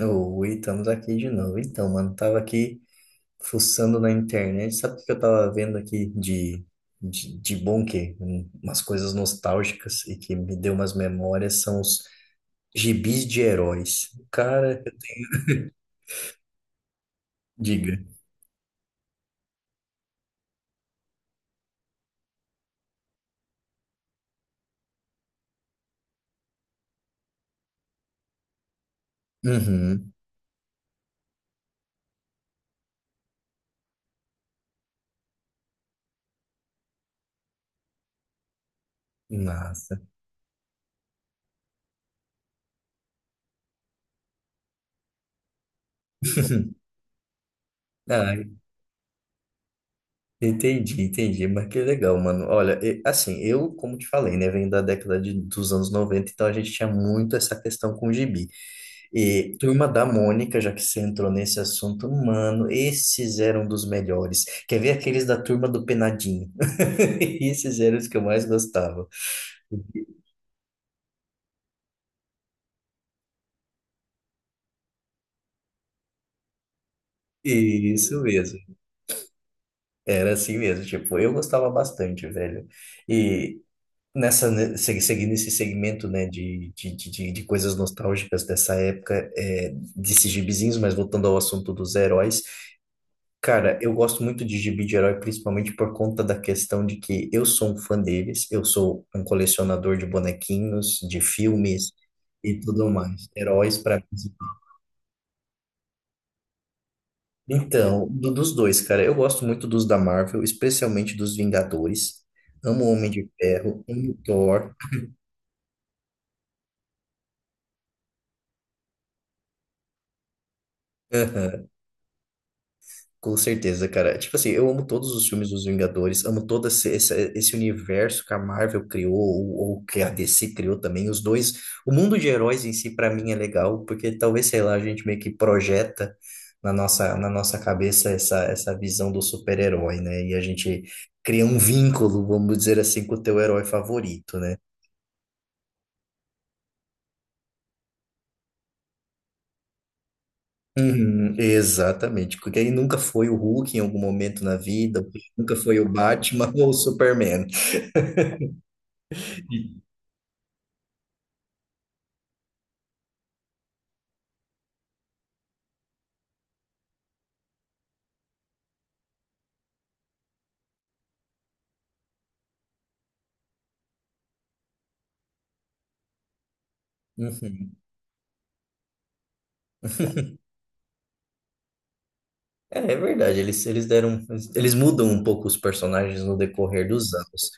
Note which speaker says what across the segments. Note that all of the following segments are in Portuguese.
Speaker 1: Oi, estamos aqui de novo. Então, mano, tava aqui fuçando na internet. Sabe o que eu tava vendo aqui de bom que? Umas coisas nostálgicas e que me deu umas memórias são os gibis de heróis. Cara, diga. Uhum, massa. Ah, Entendi, entendi, mas que legal, mano. Olha, assim, eu, como te falei, né, venho da dos anos 90, então a gente tinha muito essa questão com o gibi. Turma da Mônica, já que você entrou nesse assunto, mano, esses eram dos melhores. Quer ver aqueles da Turma do Penadinho? Esses eram os que eu mais gostava. Isso mesmo. Era assim mesmo, tipo, eu gostava bastante, velho. E Nessa, né, seguir nesse segmento, né, de coisas nostálgicas dessa época, desses gibizinhos, mas voltando ao assunto dos heróis, cara, eu gosto muito de gibi de herói, principalmente por conta da questão de que eu sou um fã deles, eu sou um colecionador de bonequinhos, de filmes e tudo mais. Heróis para mim. Então, dos dois, cara, eu gosto muito dos da Marvel, especialmente dos Vingadores. Amo o Homem de Ferro, amo o Thor. Com certeza, cara. Tipo assim, eu amo todos os filmes dos Vingadores, amo todo esse, esse universo que a Marvel criou, ou que a DC criou também. Os dois, o mundo de heróis em si, pra mim, é legal, porque talvez, sei lá, a gente meio que projeta na nossa cabeça essa, essa visão do super-herói, né? E a gente cria um vínculo, vamos dizer assim, com o teu herói favorito, né? Uhum, exatamente, porque aí nunca foi o Hulk em algum momento na vida, nunca foi o Batman ou o Superman. Uhum. É, é verdade, eles deram, eles mudam um pouco os personagens no decorrer dos anos,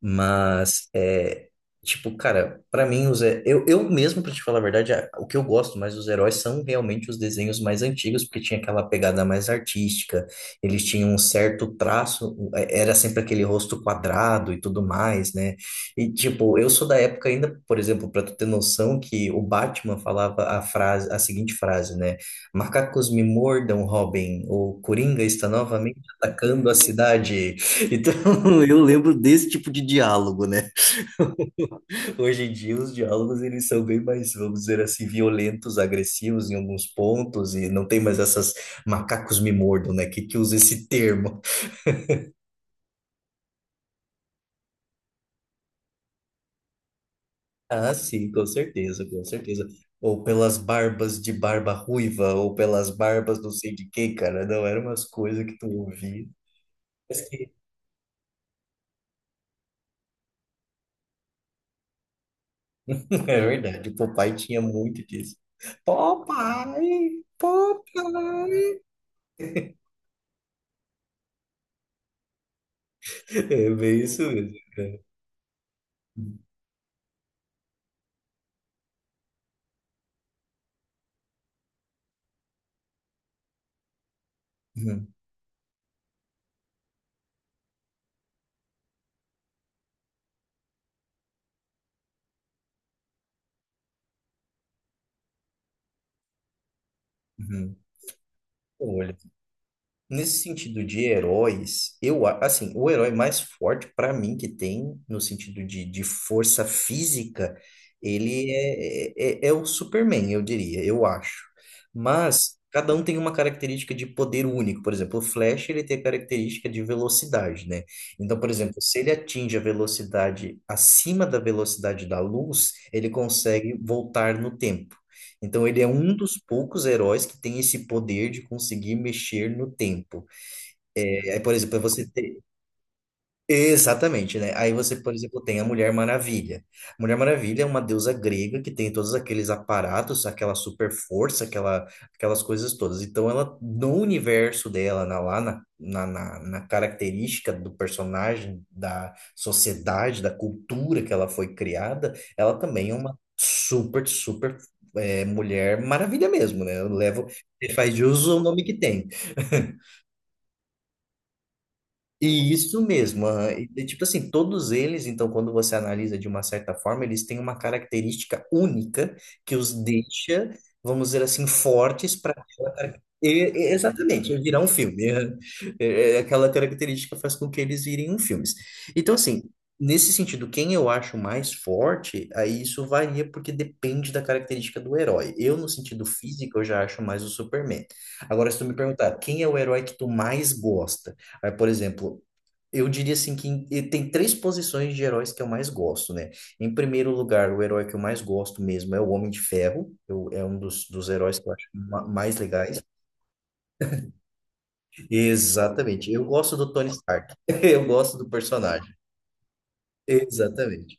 Speaker 1: mas é, tipo, cara, pra mim os eu mesmo pra te falar a verdade, o que eu gosto mais dos heróis são realmente os desenhos mais antigos, porque tinha aquela pegada mais artística, eles tinham um certo traço, é, era sempre aquele rosto quadrado e tudo mais, né? E tipo, eu sou da época ainda, por exemplo, pra tu ter noção que o Batman falava a frase, a seguinte frase, né? Macacos me mordam, Robin. O Coringa está novamente atacando a cidade. Então, eu lembro desse tipo de diálogo, né? Hoje em dia, os diálogos eles são bem mais, vamos dizer assim, violentos, agressivos em alguns pontos e não tem mais essas macacos me mordam, né? Que usa esse termo? Ah, sim, com certeza, com certeza. Ou pelas barbas de barba ruiva, ou pelas barbas não sei de quem, cara. Não, eram umas coisas que tu ouvia. É verdade, o papai tinha muito disso. Papai, papai. É bem isso mesmo. Uhum, uhum. Olha. Nesse sentido de heróis, eu, assim, o herói mais forte para mim que tem, no sentido de força física, ele é o Superman, eu diria, eu acho. Mas cada um tem uma característica de poder único. Por exemplo, o Flash, ele tem a característica de velocidade, né? Então, por exemplo, se ele atinge a velocidade acima da velocidade da luz, ele consegue voltar no tempo. Então ele é um dos poucos heróis que tem esse poder de conseguir mexer no tempo. É, por exemplo, para você ter exatamente, né? Aí você, por exemplo, tem a Mulher Maravilha. A Mulher Maravilha é uma deusa grega que tem todos aqueles aparatos, aquela super força, aquela, aquelas coisas todas. Então, ela, no universo dela, na, lá na, na, na, na característica do personagem, da sociedade, da cultura que ela foi criada, ela também é uma super Mulher Maravilha mesmo, né? Eu levo, faz de uso o nome que tem. Isso mesmo. Aham. E, tipo assim, todos eles, então, quando você analisa de uma certa forma, eles têm uma característica única que os deixa, vamos dizer assim, fortes para. Exatamente, virar um filme. Aham. Aquela característica faz com que eles virem um filmes. Então, assim, nesse sentido, quem eu acho mais forte, aí isso varia porque depende da característica do herói. Eu, no sentido físico, eu já acho mais o Superman. Agora, se tu me perguntar, quem é o herói que tu mais gosta? Aí, por exemplo, eu diria assim que tem três posições de heróis que eu mais gosto, né? Em primeiro lugar, o herói que eu mais gosto mesmo é o Homem de Ferro. Eu, é um dos heróis que eu acho mais legais. Exatamente. Eu gosto do Tony Stark. Eu gosto do personagem. Exatamente.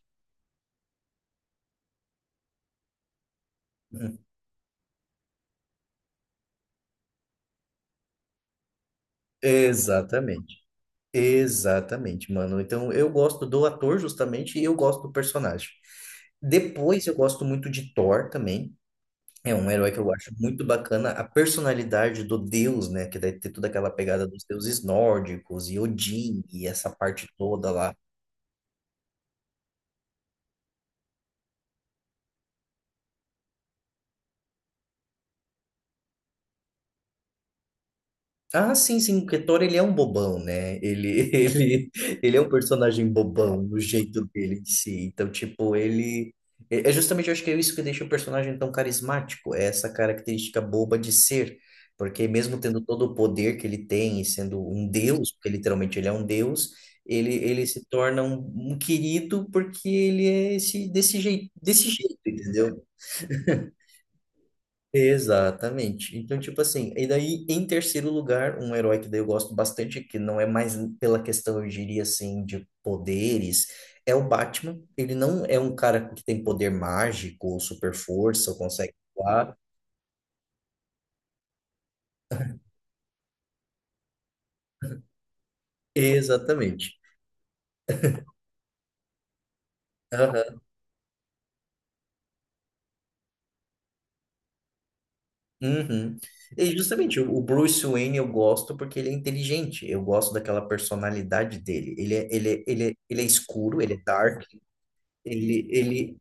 Speaker 1: Exatamente, exatamente, mano. Então eu gosto do ator justamente e eu gosto do personagem. Depois eu gosto muito de Thor também. É um herói que eu acho muito bacana a personalidade do deus, né? Que daí tem toda aquela pegada dos deuses nórdicos e Odin e essa parte toda lá. Ah, sim, sim, o Thor ele é um bobão, né? Ele, ele é um personagem bobão no jeito dele de si. Então, tipo, ele. É justamente, eu acho que é isso que deixa o personagem tão carismático, é essa característica boba de ser. Porque mesmo tendo todo o poder que ele tem e sendo um deus, porque literalmente ele é um deus, ele se torna um querido porque ele é esse, desse jeito, entendeu? Exatamente. Então, tipo assim, e daí, em terceiro lugar, um herói que daí eu gosto bastante, que não é mais pela questão, eu diria assim, de poderes, é o Batman. Ele não é um cara que tem poder mágico ou super força ou consegue voar. Exatamente. Aham. Uhum. E justamente, o Bruce Wayne eu gosto porque ele é inteligente. Eu gosto daquela personalidade dele. Ele é escuro, ele é dark. Ele, ele,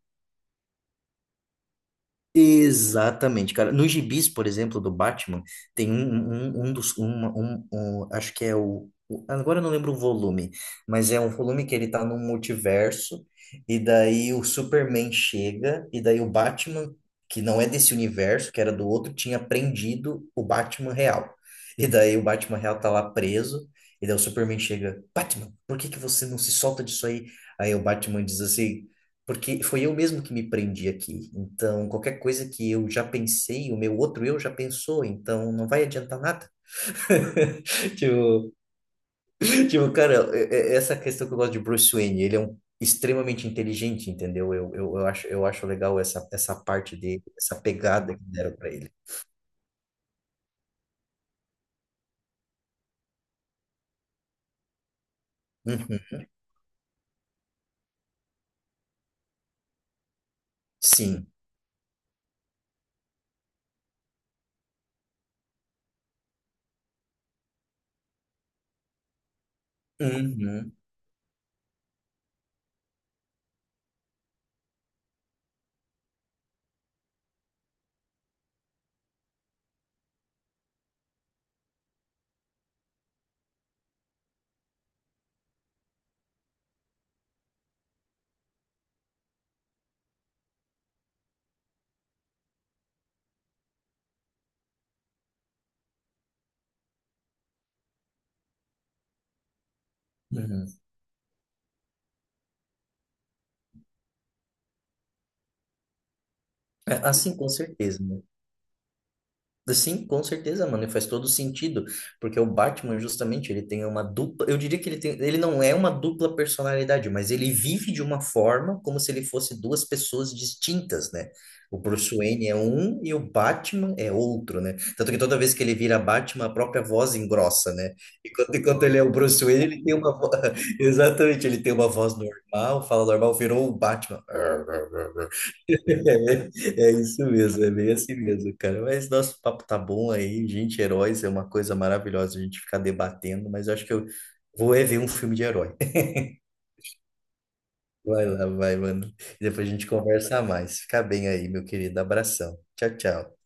Speaker 1: Exatamente, cara. Nos gibis, por exemplo, do Batman, tem um acho que é agora eu não lembro o volume, mas é um volume que ele tá num multiverso, e daí o Superman chega, e daí o Batman, que não é desse universo, que era do outro, tinha prendido o Batman real. E daí o Batman real tá lá preso, e daí o Superman chega: Batman, por que que você não se solta disso aí? Aí o Batman diz assim. Porque foi eu mesmo que me prendi aqui. Então, qualquer coisa que eu já pensei, o meu outro eu já pensou, então não vai adiantar nada. Tipo, tipo, cara, essa questão que eu gosto de Bruce Wayne, ele é um extremamente inteligente, entendeu? Eu acho legal essa, essa parte dele, essa pegada que deram pra ele. Uhum. Sim. Uhum. Uhum. É, assim, com certeza, né? Sim, com certeza, mano, e faz todo sentido, porque o Batman justamente, ele tem uma dupla, eu diria que ele tem, ele não é uma dupla personalidade, mas ele vive de uma forma como se ele fosse duas pessoas distintas, né? O Bruce Wayne é um e o Batman é outro, né? Tanto que toda vez que ele vira Batman, a própria voz engrossa, né? Enquanto ele é o Bruce Wayne, ele tem uma voz, exatamente, ele tem uma voz normal, fala normal, virou o Batman. É, é isso mesmo, é bem assim mesmo, cara. Mas nosso papo tá bom aí, gente, heróis é uma coisa maravilhosa a gente ficar debatendo, mas eu acho que eu vou é ver um filme de herói. Vai lá, vai, mano. Depois a gente conversa mais. Fica bem aí, meu querido. Abração. Tchau, tchau.